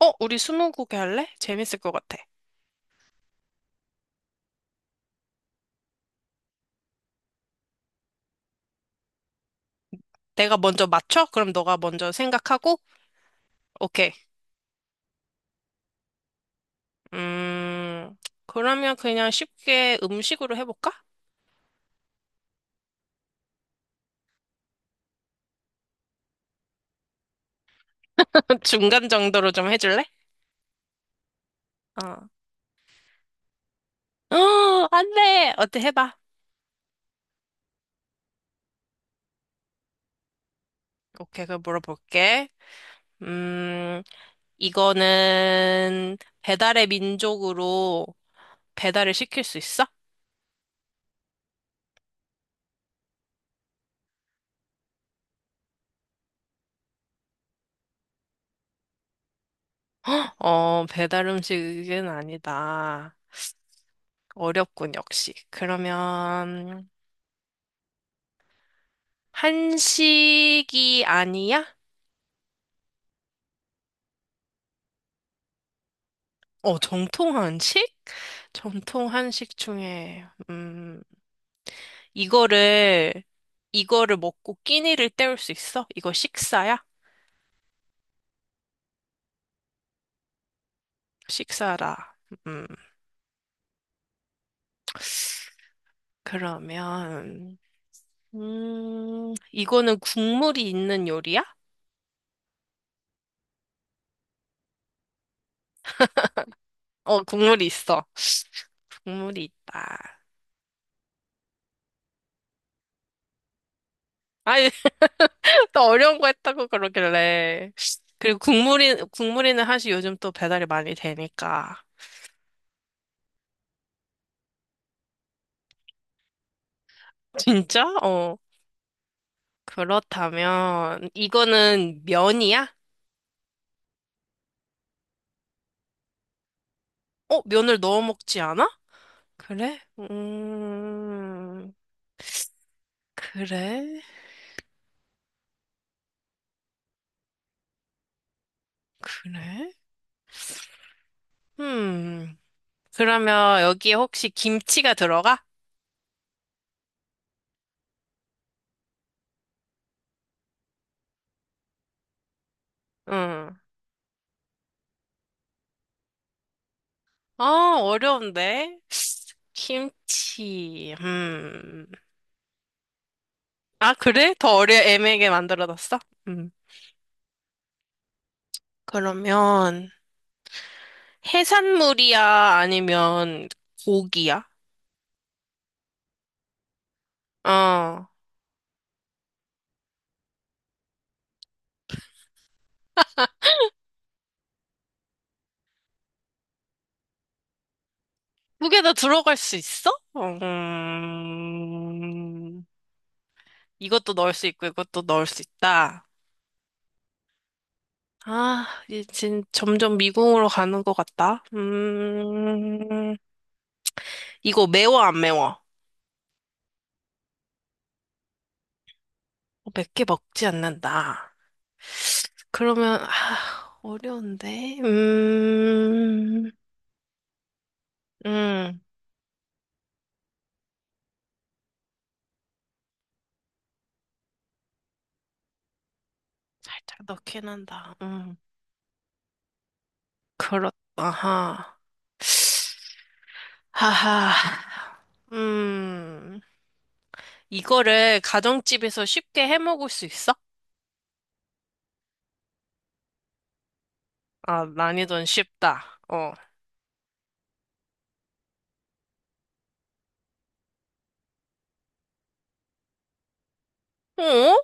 어, 우리 스무고개 할래? 재밌을 것 같아. 내가 먼저 맞춰? 그럼 너가 먼저 생각하고? 오케이. 음, 그러면 그냥 쉽게 음식으로 해볼까? 중간 정도로 좀 해줄래? 어. 어, 안 돼! 어때, 해봐. 오케이, 그럼 물어볼게. 음, 이거는 배달의 민족으로 배달을 시킬 수 있어? 어, 배달 음식은 아니다. 어렵군, 역시. 그러면, 한식이 아니야? 어, 정통 한식? 정통 한식 중에, 이거를, 이거를 먹고 끼니를 때울 수 있어? 이거 식사야? 식사라. 음, 그러면, 이거는 국물이 있는 요리야? 어, 국물이 있어. 국물이 있다. 아니, 또 어려운 거 했다고 그러길래. 그리고 국물이는 사실 요즘 또 배달이 많이 되니까. 진짜? 어. 그렇다면, 이거는 면이야? 어, 면을 넣어 먹지 않아? 그래? 그래? 그래? 음, 그러면 여기에 혹시 김치가 들어가? 응. 아, 어려운데? 김치, 아, 그래? 더 애매하게 만들어놨어? 음. 그러면, 해산물이야? 아니면 고기야? 어. 두 개 다 들어갈 수 있어? 음, 이것도 넣을 수 있고 이것도 넣을 수 있다. 아, 이제 점점 미궁으로 가는 것 같다. 이거 매워 안 매워? 몇 개 먹지 않는다. 그러면 아, 어려운데. 음, 살짝 넣긴 한다. 그렇다. 아하. 하하. 음. 이거를 가정집에서 쉽게 해 먹을 수 있어? 아, 난이도는 쉽다. 어. 어?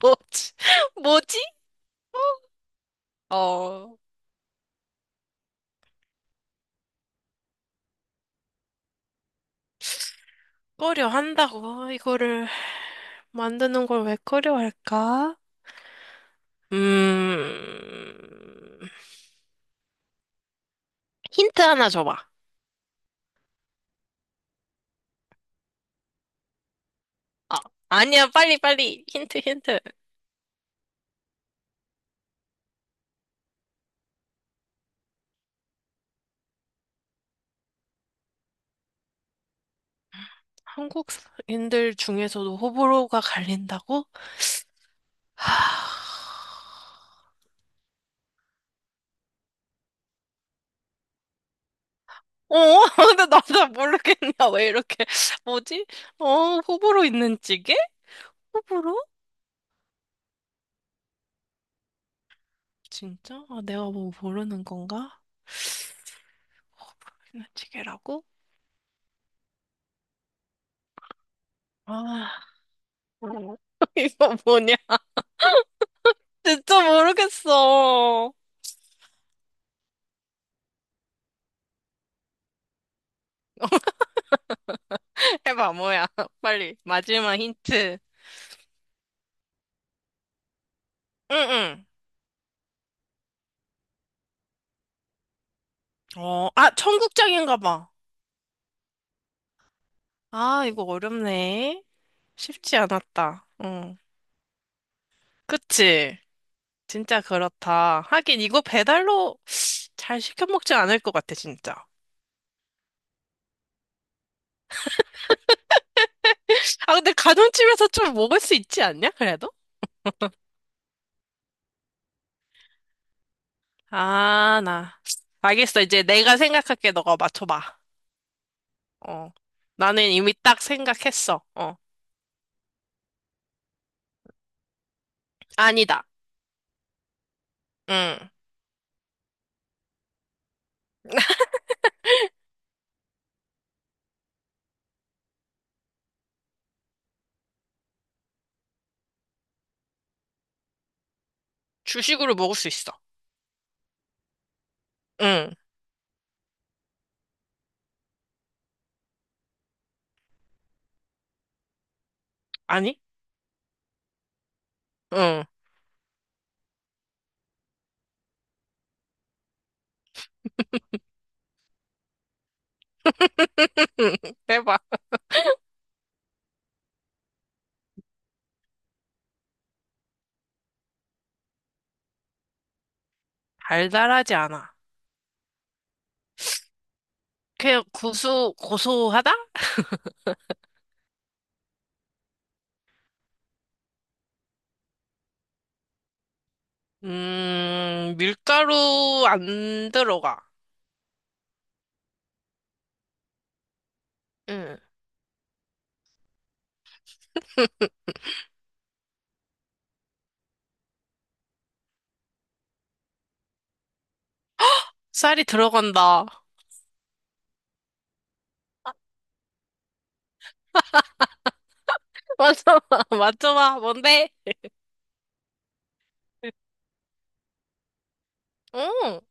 뭐지? 뭐지? 어, 꺼려 한다고 이거를 만드는 걸 왜 꺼려 할까? 음, 힌트 하나 줘봐. 아, 아니야, 빨리, 빨리. 힌트, 힌트. 한국인들 중에서도 호불호가 갈린다고? 하... 어, 근데 나도 모르겠냐. 왜 이렇게, 뭐지? 어, 호불호 있는 찌개? 호불호? 진짜? 아, 내가 뭐 모르는 건가? 호불호 있는 찌개라고? 아, 이거 뭐냐? 진짜 모르겠어. 해봐, 뭐야. 빨리, 마지막 힌트. 응, 응. 어, 아, 청국장인가 봐. 아, 이거 어렵네. 쉽지 않았다. 응. 그치? 진짜 그렇다. 하긴, 이거 배달로 잘 시켜 먹지 않을 것 같아, 진짜. 아, 근데 가정집에서 좀 먹을 수 있지 않냐, 그래도? 아, 나. 알겠어. 이제 내가 생각할게. 너가 맞춰봐. 어. 나는 이미 딱 생각했어. 어. 아니다. 응. 주식으로 먹을 수 있어. 응. 아니? 응. 해봐. 달달하지 않아. 그냥 고소하다? 밀가루 안 들어가. 응. 쌀이 들어간다. 맞춰봐, 맞춰봐. 뭔데? 어,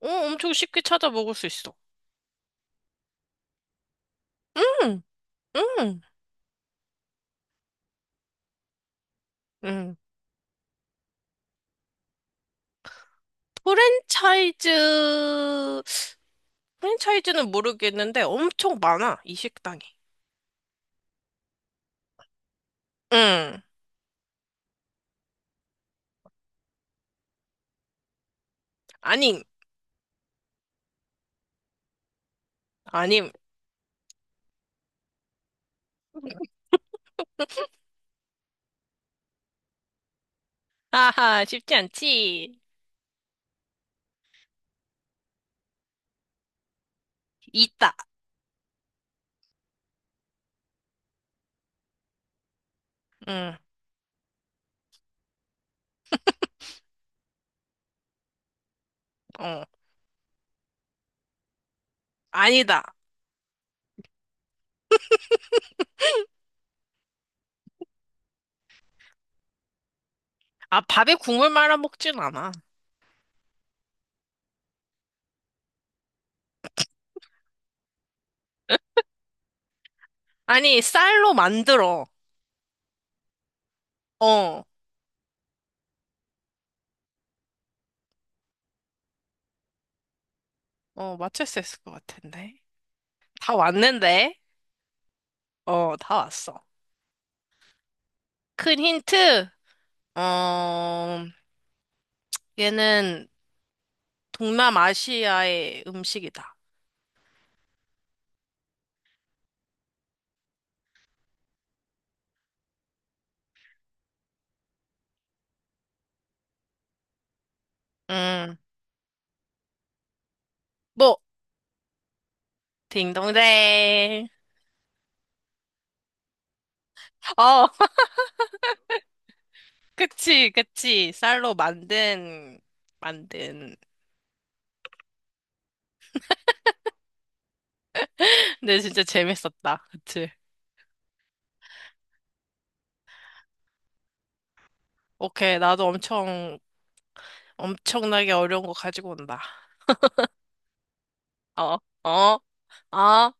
어, 엄청 쉽게 찾아 먹을 수 있어. 응, 응, 응. 프랜차이즈, 프랜차이즈는 모르겠는데 엄청 많아, 이 식당이. 응, 아님, 아님. 아하, 쉽지 않지. 있다. 응, 어, 아니다. 아, 밥에 국물 말아 먹진 않아. 아니, 쌀로 만들어. 어, 어, 맞출 수 있을 것 같은데. 다 왔는데? 어, 다 왔어. 큰 힌트? 어, 얘는 동남아시아의 음식이다. 음, 뭐, 딩동댕. 어, 그치, 그치. 만든. 근데 진짜 재밌었다. 그치. 오케이, 엄청나게 어려운 거 가지고 온다. 어, 어, 어.